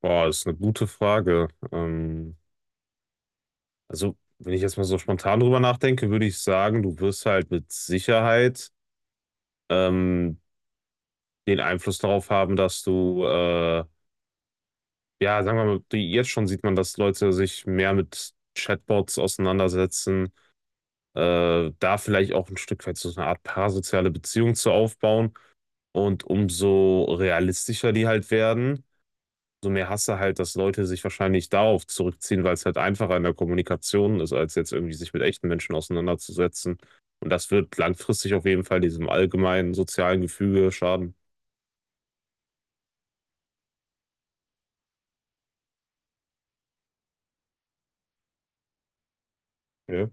Boah, das ist eine gute Frage. Also, wenn ich jetzt mal so spontan drüber nachdenke, würde ich sagen, du wirst halt mit Sicherheit ähm, den Einfluss darauf haben, dass du, ja, sagen wir mal, jetzt schon sieht man, dass Leute sich mehr mit Chatbots auseinandersetzen, da vielleicht auch ein Stück weit so eine Art parasoziale Beziehung zu aufbauen und umso realistischer die halt werden. Umso mehr hast du halt, dass Leute sich wahrscheinlich darauf zurückziehen, weil es halt einfacher in der Kommunikation ist, als jetzt irgendwie sich mit echten Menschen auseinanderzusetzen. Und das wird langfristig auf jeden Fall diesem allgemeinen sozialen Gefüge schaden. Ja.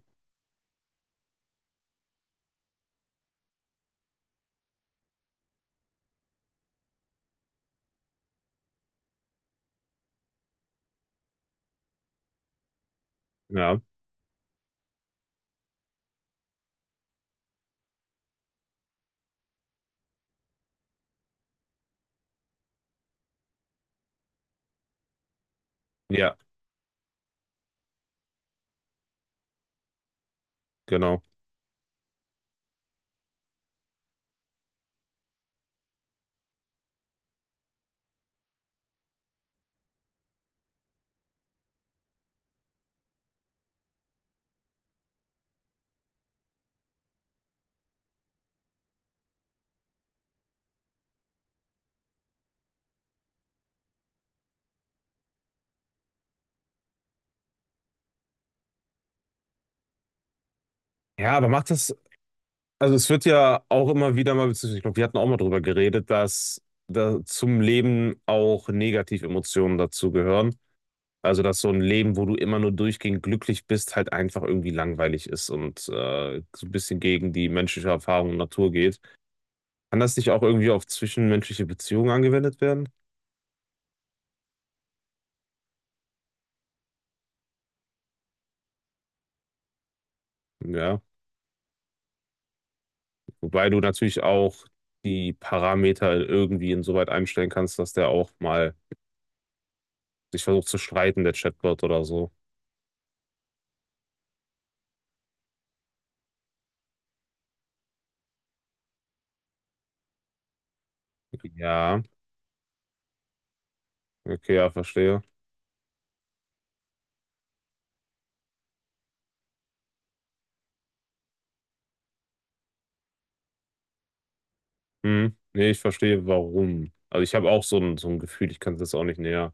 Ja, ja, genau. Ja, aber macht das, also es wird ja auch immer wieder mal, beziehungsweise ich glaube, wir hatten auch mal drüber geredet, dass da zum Leben auch negative Emotionen dazugehören. Also, dass so ein Leben, wo du immer nur durchgehend glücklich bist, halt einfach irgendwie langweilig ist und, so ein bisschen gegen die menschliche Erfahrung und Natur geht. Kann das nicht auch irgendwie auf zwischenmenschliche Beziehungen angewendet werden? Ja, wobei du natürlich auch die Parameter irgendwie insoweit einstellen kannst, dass der auch mal sich versucht zu streiten, der Chatbot oder so. Ja, okay, ja, verstehe. Mhm. Ne, ich verstehe, warum. Also, ich habe auch so ein Gefühl, ich kann es jetzt auch nicht näher,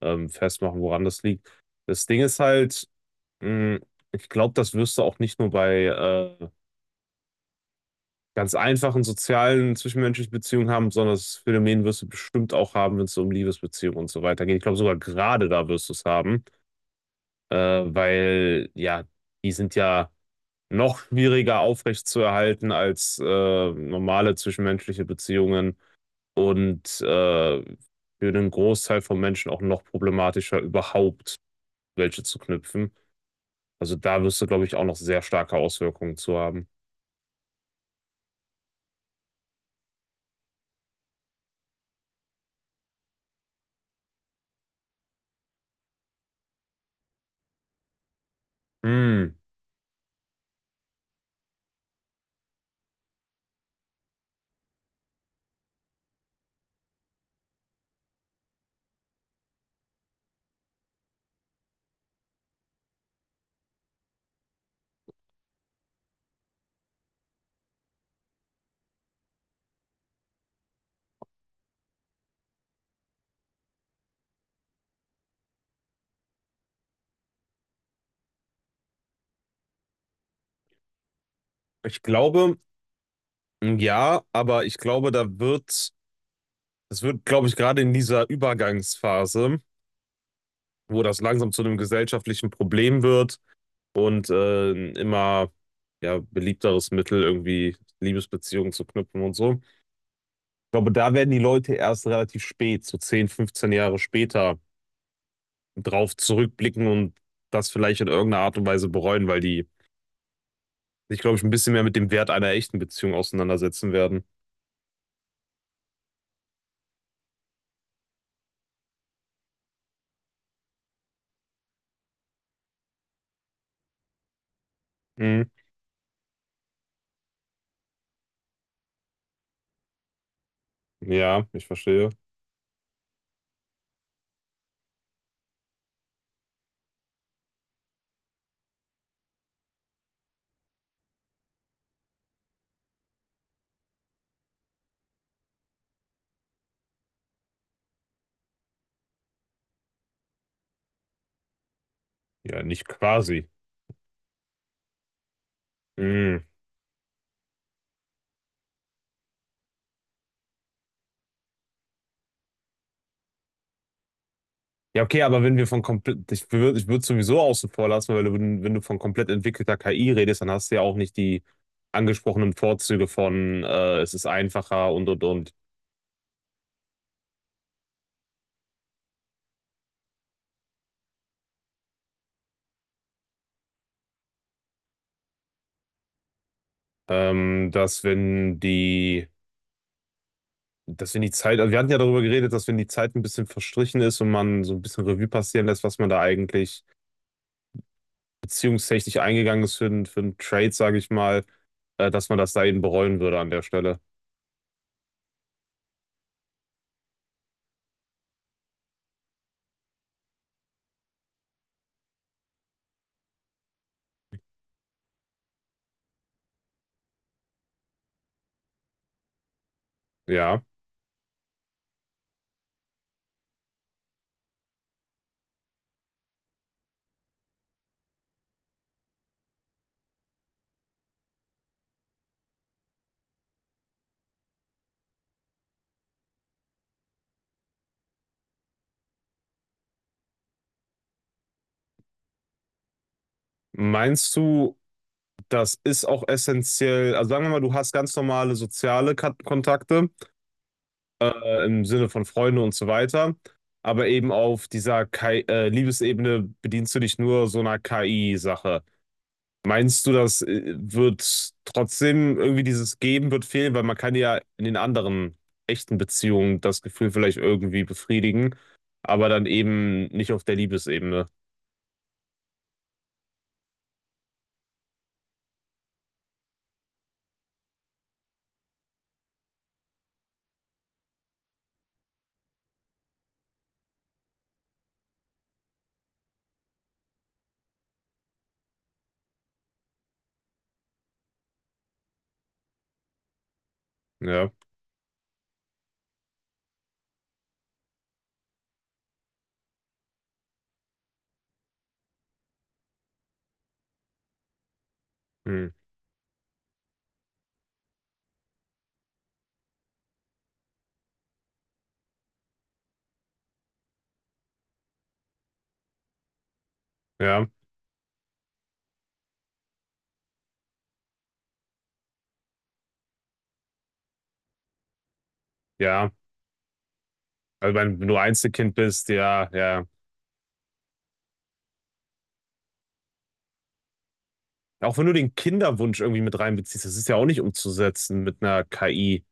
festmachen, woran das liegt. Das Ding ist halt. Mm, Ich glaube, das wirst du auch nicht nur bei ganz einfachen sozialen zwischenmenschlichen Beziehungen haben, sondern das Phänomen wirst du bestimmt auch haben, wenn es so um Liebesbeziehungen und so weiter geht. Ich glaube, sogar gerade da wirst du es haben, weil ja, die sind ja noch schwieriger aufrechtzuerhalten als normale zwischenmenschliche Beziehungen und für den Großteil von Menschen auch noch problematischer, überhaupt welche zu knüpfen. Also da wirst du, glaube ich, auch noch sehr starke Auswirkungen zu haben. Hm, Ich glaube, ja, aber ich glaube, es wird, glaube ich, gerade in dieser Übergangsphase, wo das langsam zu einem gesellschaftlichen Problem wird und ein immer ja, beliebteres Mittel, irgendwie Liebesbeziehungen zu knüpfen und so. Ich glaube, da werden die Leute erst relativ spät, so 10, 15 Jahre später, drauf zurückblicken und das vielleicht in irgendeiner Art und Weise bereuen, weil die sich, glaube ich, ein bisschen mehr mit dem Wert einer echten Beziehung auseinandersetzen werden. Hm, ja, ich verstehe. Ja, nicht quasi. Mm. Ja, okay, aber wenn wir von komplett, ich würd sowieso außen vor lassen, weil wenn du von komplett entwickelter KI redest, dann hast du ja auch nicht die angesprochenen Vorzüge von es ist einfacher und. Ähm, dass wenn die, dass wenn die Zeit, also wir hatten ja darüber geredet, dass wenn die Zeit ein bisschen verstrichen ist und man so ein bisschen Revue passieren lässt, was man da eigentlich beziehungstechnisch eingegangen ist für, für einen Trade, sage ich mal, dass man das da eben bereuen würde an der Stelle. Ja. Meinst du, Das ist auch essentiell. Also sagen wir mal, du hast ganz normale soziale Kontakte im Sinne von Freunde und so weiter. Aber eben auf dieser KI, Liebesebene bedienst du dich nur so einer KI-Sache. Meinst du, das wird trotzdem irgendwie dieses Geben wird fehlen? Weil man kann ja in den anderen echten Beziehungen das Gefühl vielleicht irgendwie befriedigen, aber dann eben nicht auf der Liebesebene. Ja, hm. Ja, ja. Also wenn du Einzelkind bist, ja, ja. Auch wenn du den Kinderwunsch irgendwie mit reinbeziehst, das ist ja auch nicht umzusetzen mit einer KI.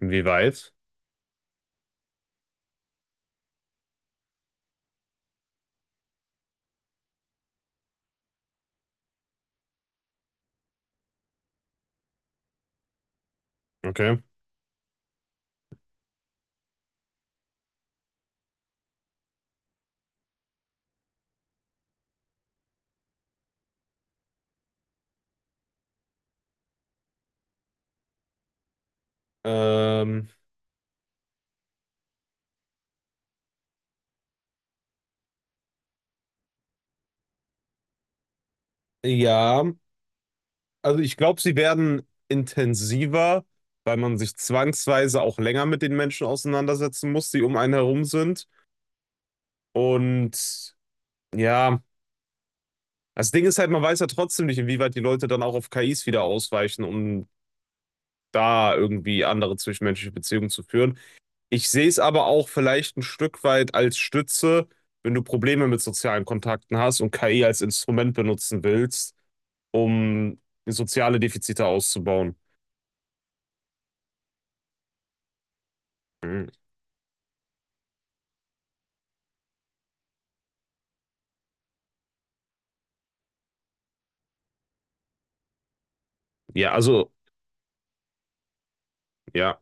Inwieweit? Okay. Ähm, ja, also ich glaube, sie werden intensiver, weil man sich zwangsweise auch länger mit den Menschen auseinandersetzen muss, die um einen herum sind. Und ja, das Ding ist halt, man weiß ja trotzdem nicht, inwieweit die Leute dann auch auf KIs wieder ausweichen, um da irgendwie andere zwischenmenschliche Beziehungen zu führen. Ich sehe es aber auch vielleicht ein Stück weit als Stütze, wenn du Probleme mit sozialen Kontakten hast und KI als Instrument benutzen willst, um soziale Defizite auszubauen. Mhm. Ja, also, ja,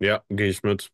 ja, gehe ich mit.